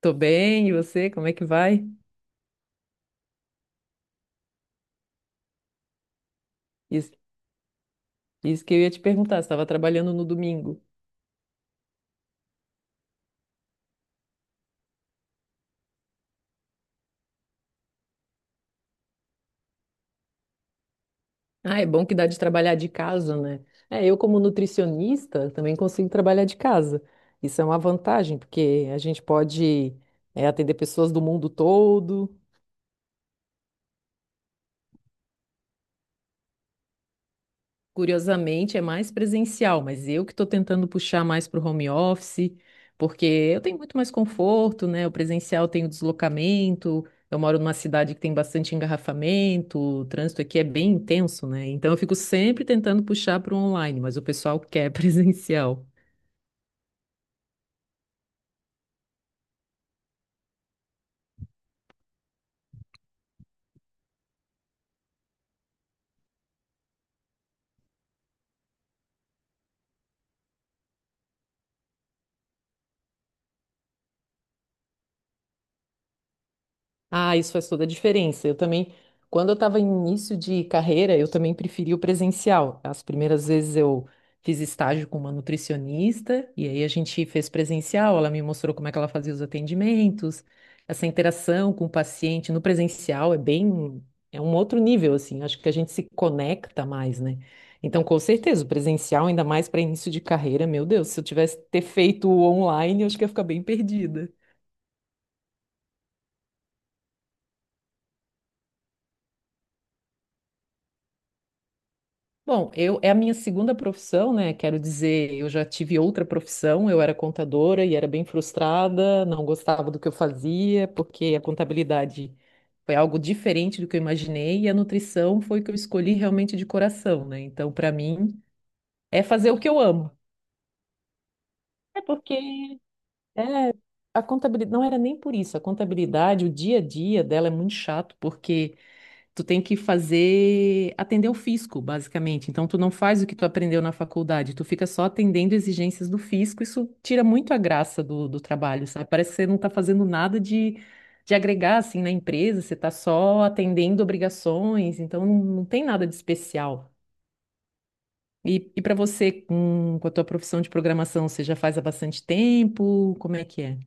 Tô bem, e você? Como é que vai? Isso, isso que eu ia te perguntar, você estava trabalhando no domingo. Ah, é bom que dá de trabalhar de casa, né? É, eu como nutricionista também consigo trabalhar de casa. Isso é uma vantagem, porque a gente pode, atender pessoas do mundo todo. Curiosamente, é mais presencial, mas eu que estou tentando puxar mais para o home office, porque eu tenho muito mais conforto, né? O presencial tem o deslocamento, eu moro numa cidade que tem bastante engarrafamento, o trânsito aqui é bem intenso, né? Então eu fico sempre tentando puxar para o online, mas o pessoal quer presencial. Ah, isso faz toda a diferença. Eu também, quando eu estava em início de carreira, eu também preferi o presencial. As primeiras vezes eu fiz estágio com uma nutricionista, e aí a gente fez presencial, ela me mostrou como é que ela fazia os atendimentos, essa interação com o paciente no presencial é bem, é um outro nível, assim, acho que a gente se conecta mais, né? Então, com certeza, o presencial, ainda mais para início de carreira, meu Deus, se eu tivesse ter feito o online, eu acho que ia ficar bem perdida. Bom, eu é a minha segunda profissão, né? Quero dizer, eu já tive outra profissão, eu era contadora e era bem frustrada, não gostava do que eu fazia, porque a contabilidade foi algo diferente do que eu imaginei e a nutrição foi o que eu escolhi realmente de coração, né? Então, para mim, é fazer o que eu amo. É porque é, a contabilidade não era nem por isso, a contabilidade, o dia a dia dela é muito chato, porque tu tem que fazer, atender o fisco, basicamente. Então, tu não faz o que tu aprendeu na faculdade, tu fica só atendendo exigências do fisco. Isso tira muito a graça do trabalho, sabe? Parece que você não tá fazendo nada de agregar, assim, na empresa, você tá só atendendo obrigações, então não, não tem nada de especial. E para você, com a tua profissão de programação, você já faz há bastante tempo? Como é que é?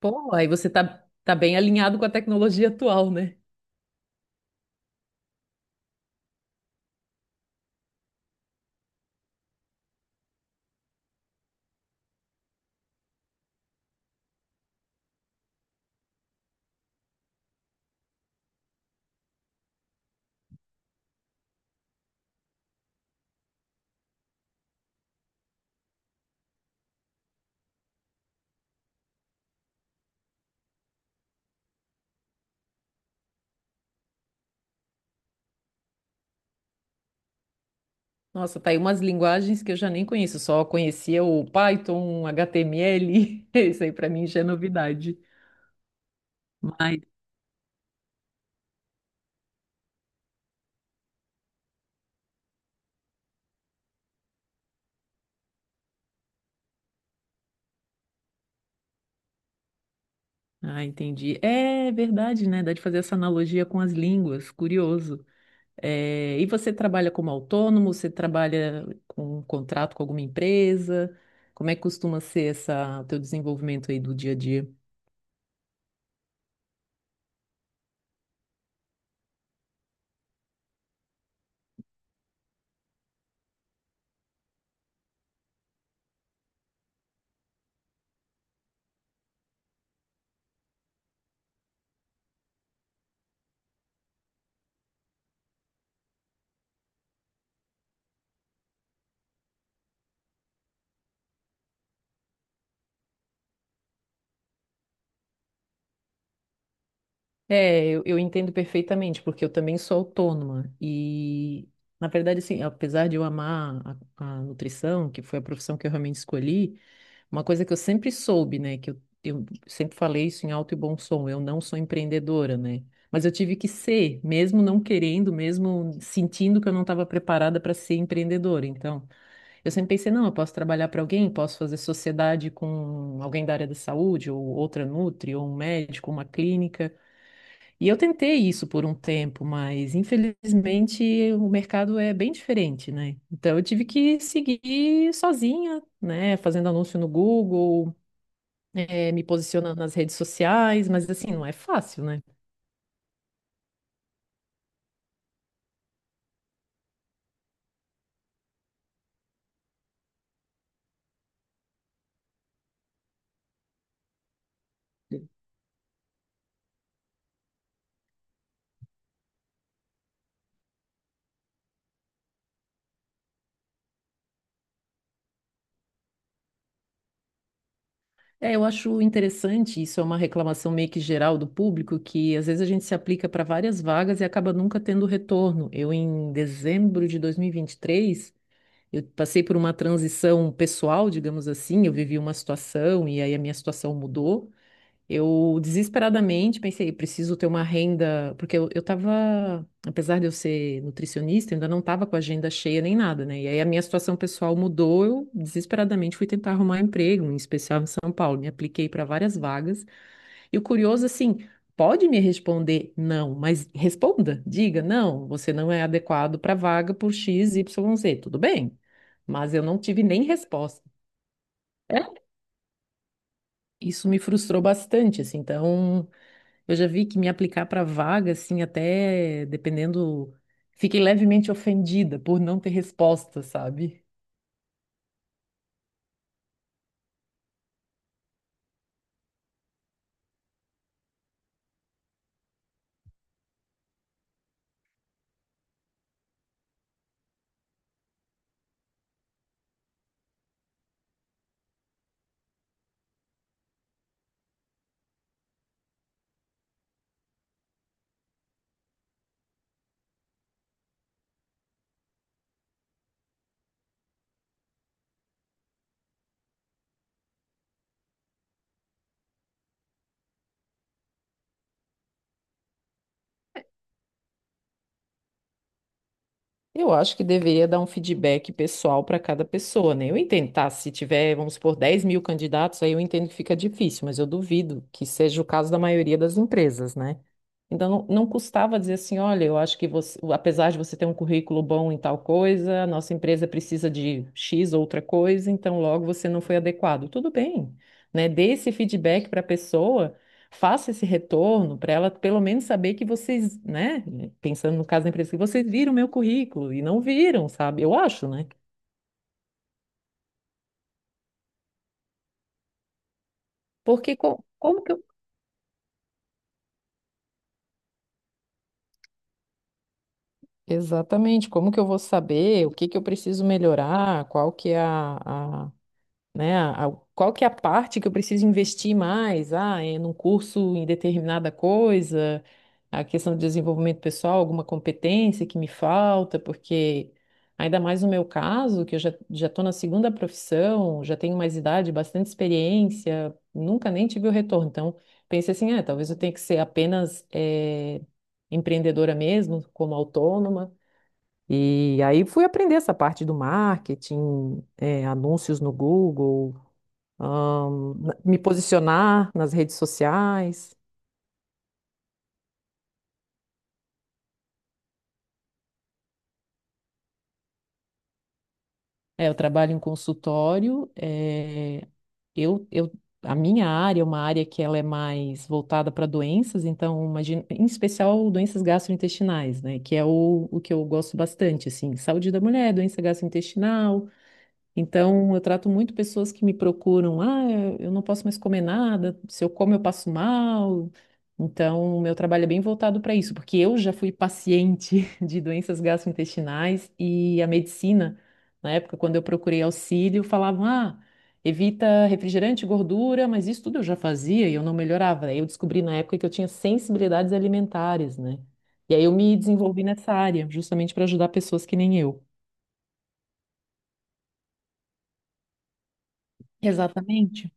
Pô, aí você tá bem alinhado com a tecnologia atual, né? Nossa, tá aí umas linguagens que eu já nem conheço, só conhecia o Python, HTML, isso aí pra mim já é novidade. Mas, ah, entendi. É verdade, né? Dá de fazer essa analogia com as línguas, curioso. É, e você trabalha como autônomo? Você trabalha com um contrato com alguma empresa? Como é que costuma ser essa teu desenvolvimento aí do dia a dia? É, eu entendo perfeitamente, porque eu também sou autônoma e, na verdade, assim, apesar de eu amar a nutrição, que foi a profissão que eu realmente escolhi, uma coisa que eu sempre soube, né, que eu sempre falei isso em alto e bom som, eu não sou empreendedora, né, mas eu tive que ser, mesmo não querendo, mesmo sentindo que eu não estava preparada para ser empreendedora, então, eu sempre pensei, não, eu posso trabalhar para alguém, posso fazer sociedade com alguém da área da saúde, ou outra nutri, ou um médico, uma clínica, e eu tentei isso por um tempo, mas infelizmente o mercado é bem diferente, né? Então eu tive que seguir sozinha, né? Fazendo anúncio no Google, me posicionando nas redes sociais, mas assim, não é fácil, né? É, eu acho interessante, isso é uma reclamação meio que geral do público, que às vezes a gente se aplica para várias vagas e acaba nunca tendo retorno. Eu, em dezembro de 2023, eu passei por uma transição pessoal, digamos assim, eu vivi uma situação e aí a minha situação mudou. Eu desesperadamente pensei, preciso ter uma renda, porque eu tava, apesar de eu ser nutricionista, eu ainda não tava com a agenda cheia nem nada, né? E aí a minha situação pessoal mudou, eu desesperadamente fui tentar arrumar emprego, em especial em São Paulo. Me apliquei para várias vagas. E o curioso, assim, pode me responder não, mas responda, diga não, você não é adequado para vaga por X, Y, Z, tudo bem? Mas eu não tive nem resposta. É, isso me frustrou bastante, assim, então. Eu já vi que me aplicar para vaga, assim, até dependendo, fiquei levemente ofendida por não ter resposta, sabe? Eu acho que deveria dar um feedback pessoal para cada pessoa, né? Eu entendo, tá? Se tiver, vamos supor, 10 mil candidatos, aí eu entendo que fica difícil, mas eu duvido que seja o caso da maioria das empresas, né? Então, não, não custava dizer assim: olha, eu acho que você, apesar de você ter um currículo bom em tal coisa, a nossa empresa precisa de X outra coisa, então logo você não foi adequado. Tudo bem, né? Dê esse feedback para a pessoa, faça esse retorno para ela pelo menos saber que vocês, né, pensando no caso da empresa, que vocês viram o meu currículo e não viram, sabe? Eu acho, né? Porque como que eu... Exatamente, como que eu vou saber o que que eu preciso melhorar, qual que é a, né? Qual que é a parte que eu preciso investir mais? Ah, é num curso em determinada coisa, a questão de desenvolvimento pessoal, alguma competência que me falta, porque ainda mais no meu caso, que eu já estou na segunda profissão, já tenho mais idade, bastante experiência, nunca nem tive o retorno. Então, pensei assim, ah, talvez eu tenha que ser apenas empreendedora mesmo, como autônoma. E aí fui aprender essa parte do marketing, anúncios no Google, me posicionar nas redes sociais. É, eu trabalho em consultório, eu, eu, a minha área é uma área que ela é mais voltada para doenças, então, imagina, em especial doenças gastrointestinais, né, que é o que eu gosto bastante, assim, saúde da mulher, doença gastrointestinal. Então, eu trato muito pessoas que me procuram, ah, eu não posso mais comer nada, se eu como eu passo mal. Então, o meu trabalho é bem voltado para isso, porque eu já fui paciente de doenças gastrointestinais e a medicina, na época, quando eu procurei auxílio, falavam, ah, evita refrigerante, gordura, mas isso tudo eu já fazia e eu não melhorava. Aí eu descobri na época que eu tinha sensibilidades alimentares, né? E aí eu me desenvolvi nessa área, justamente para ajudar pessoas que nem eu. Exatamente.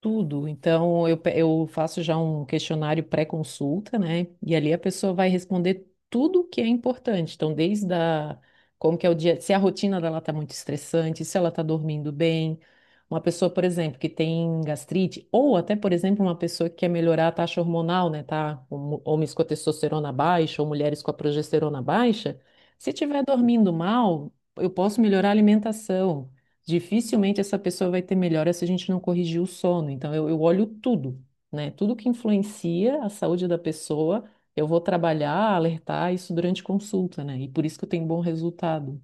Tudo. Então, eu, eu faço já um questionário pré-consulta, né? E ali a pessoa vai responder tudo o que é importante. Então, desde a, como que é o dia, se a rotina dela está muito estressante, se ela está dormindo bem. Uma pessoa, por exemplo, que tem gastrite, ou até, por exemplo, uma pessoa que quer melhorar a taxa hormonal, né? Tá? Homens com a testosterona baixa ou mulheres com a progesterona baixa. Se estiver dormindo mal, eu posso melhorar a alimentação, dificilmente essa pessoa vai ter melhora se a gente não corrigir o sono. Então, eu olho tudo, né? Tudo que influencia a saúde da pessoa, eu vou trabalhar, alertar isso durante consulta, né? E por isso que eu tenho bom resultado.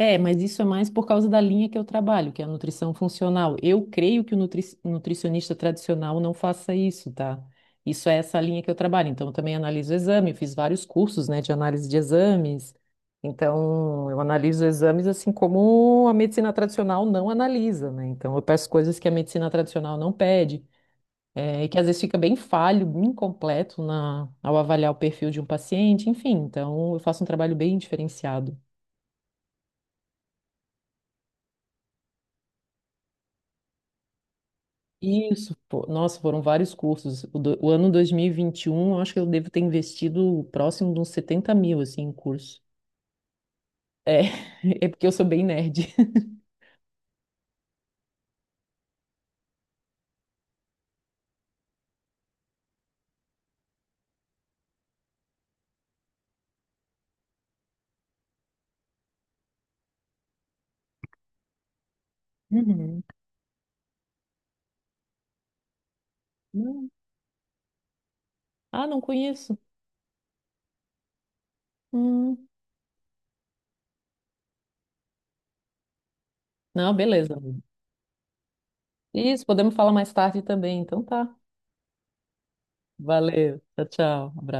É, mas isso é mais por causa da linha que eu trabalho, que é a nutrição funcional. Eu creio que o nutricionista tradicional não faça isso, tá? Isso é essa linha que eu trabalho. Então, eu também analiso o exame, eu fiz vários cursos, né, de análise de exames. Então, eu analiso exames assim como a medicina tradicional não analisa, né? Então, eu peço coisas que a medicina tradicional não pede, e que às vezes fica bem falho, incompleto na, ao avaliar o perfil de um paciente, enfim. Então, eu faço um trabalho bem diferenciado. Isso, pô. Nossa, foram vários cursos. O ano 2021, eu acho que eu devo ter investido próximo de uns 70 mil, assim, em curso. É, é porque eu sou bem nerd. Uhum. Não. Ah, não conheço. Hum. Não, beleza. Isso, podemos falar mais tarde também. Então tá. Valeu. Tchau, tchau. Abraço.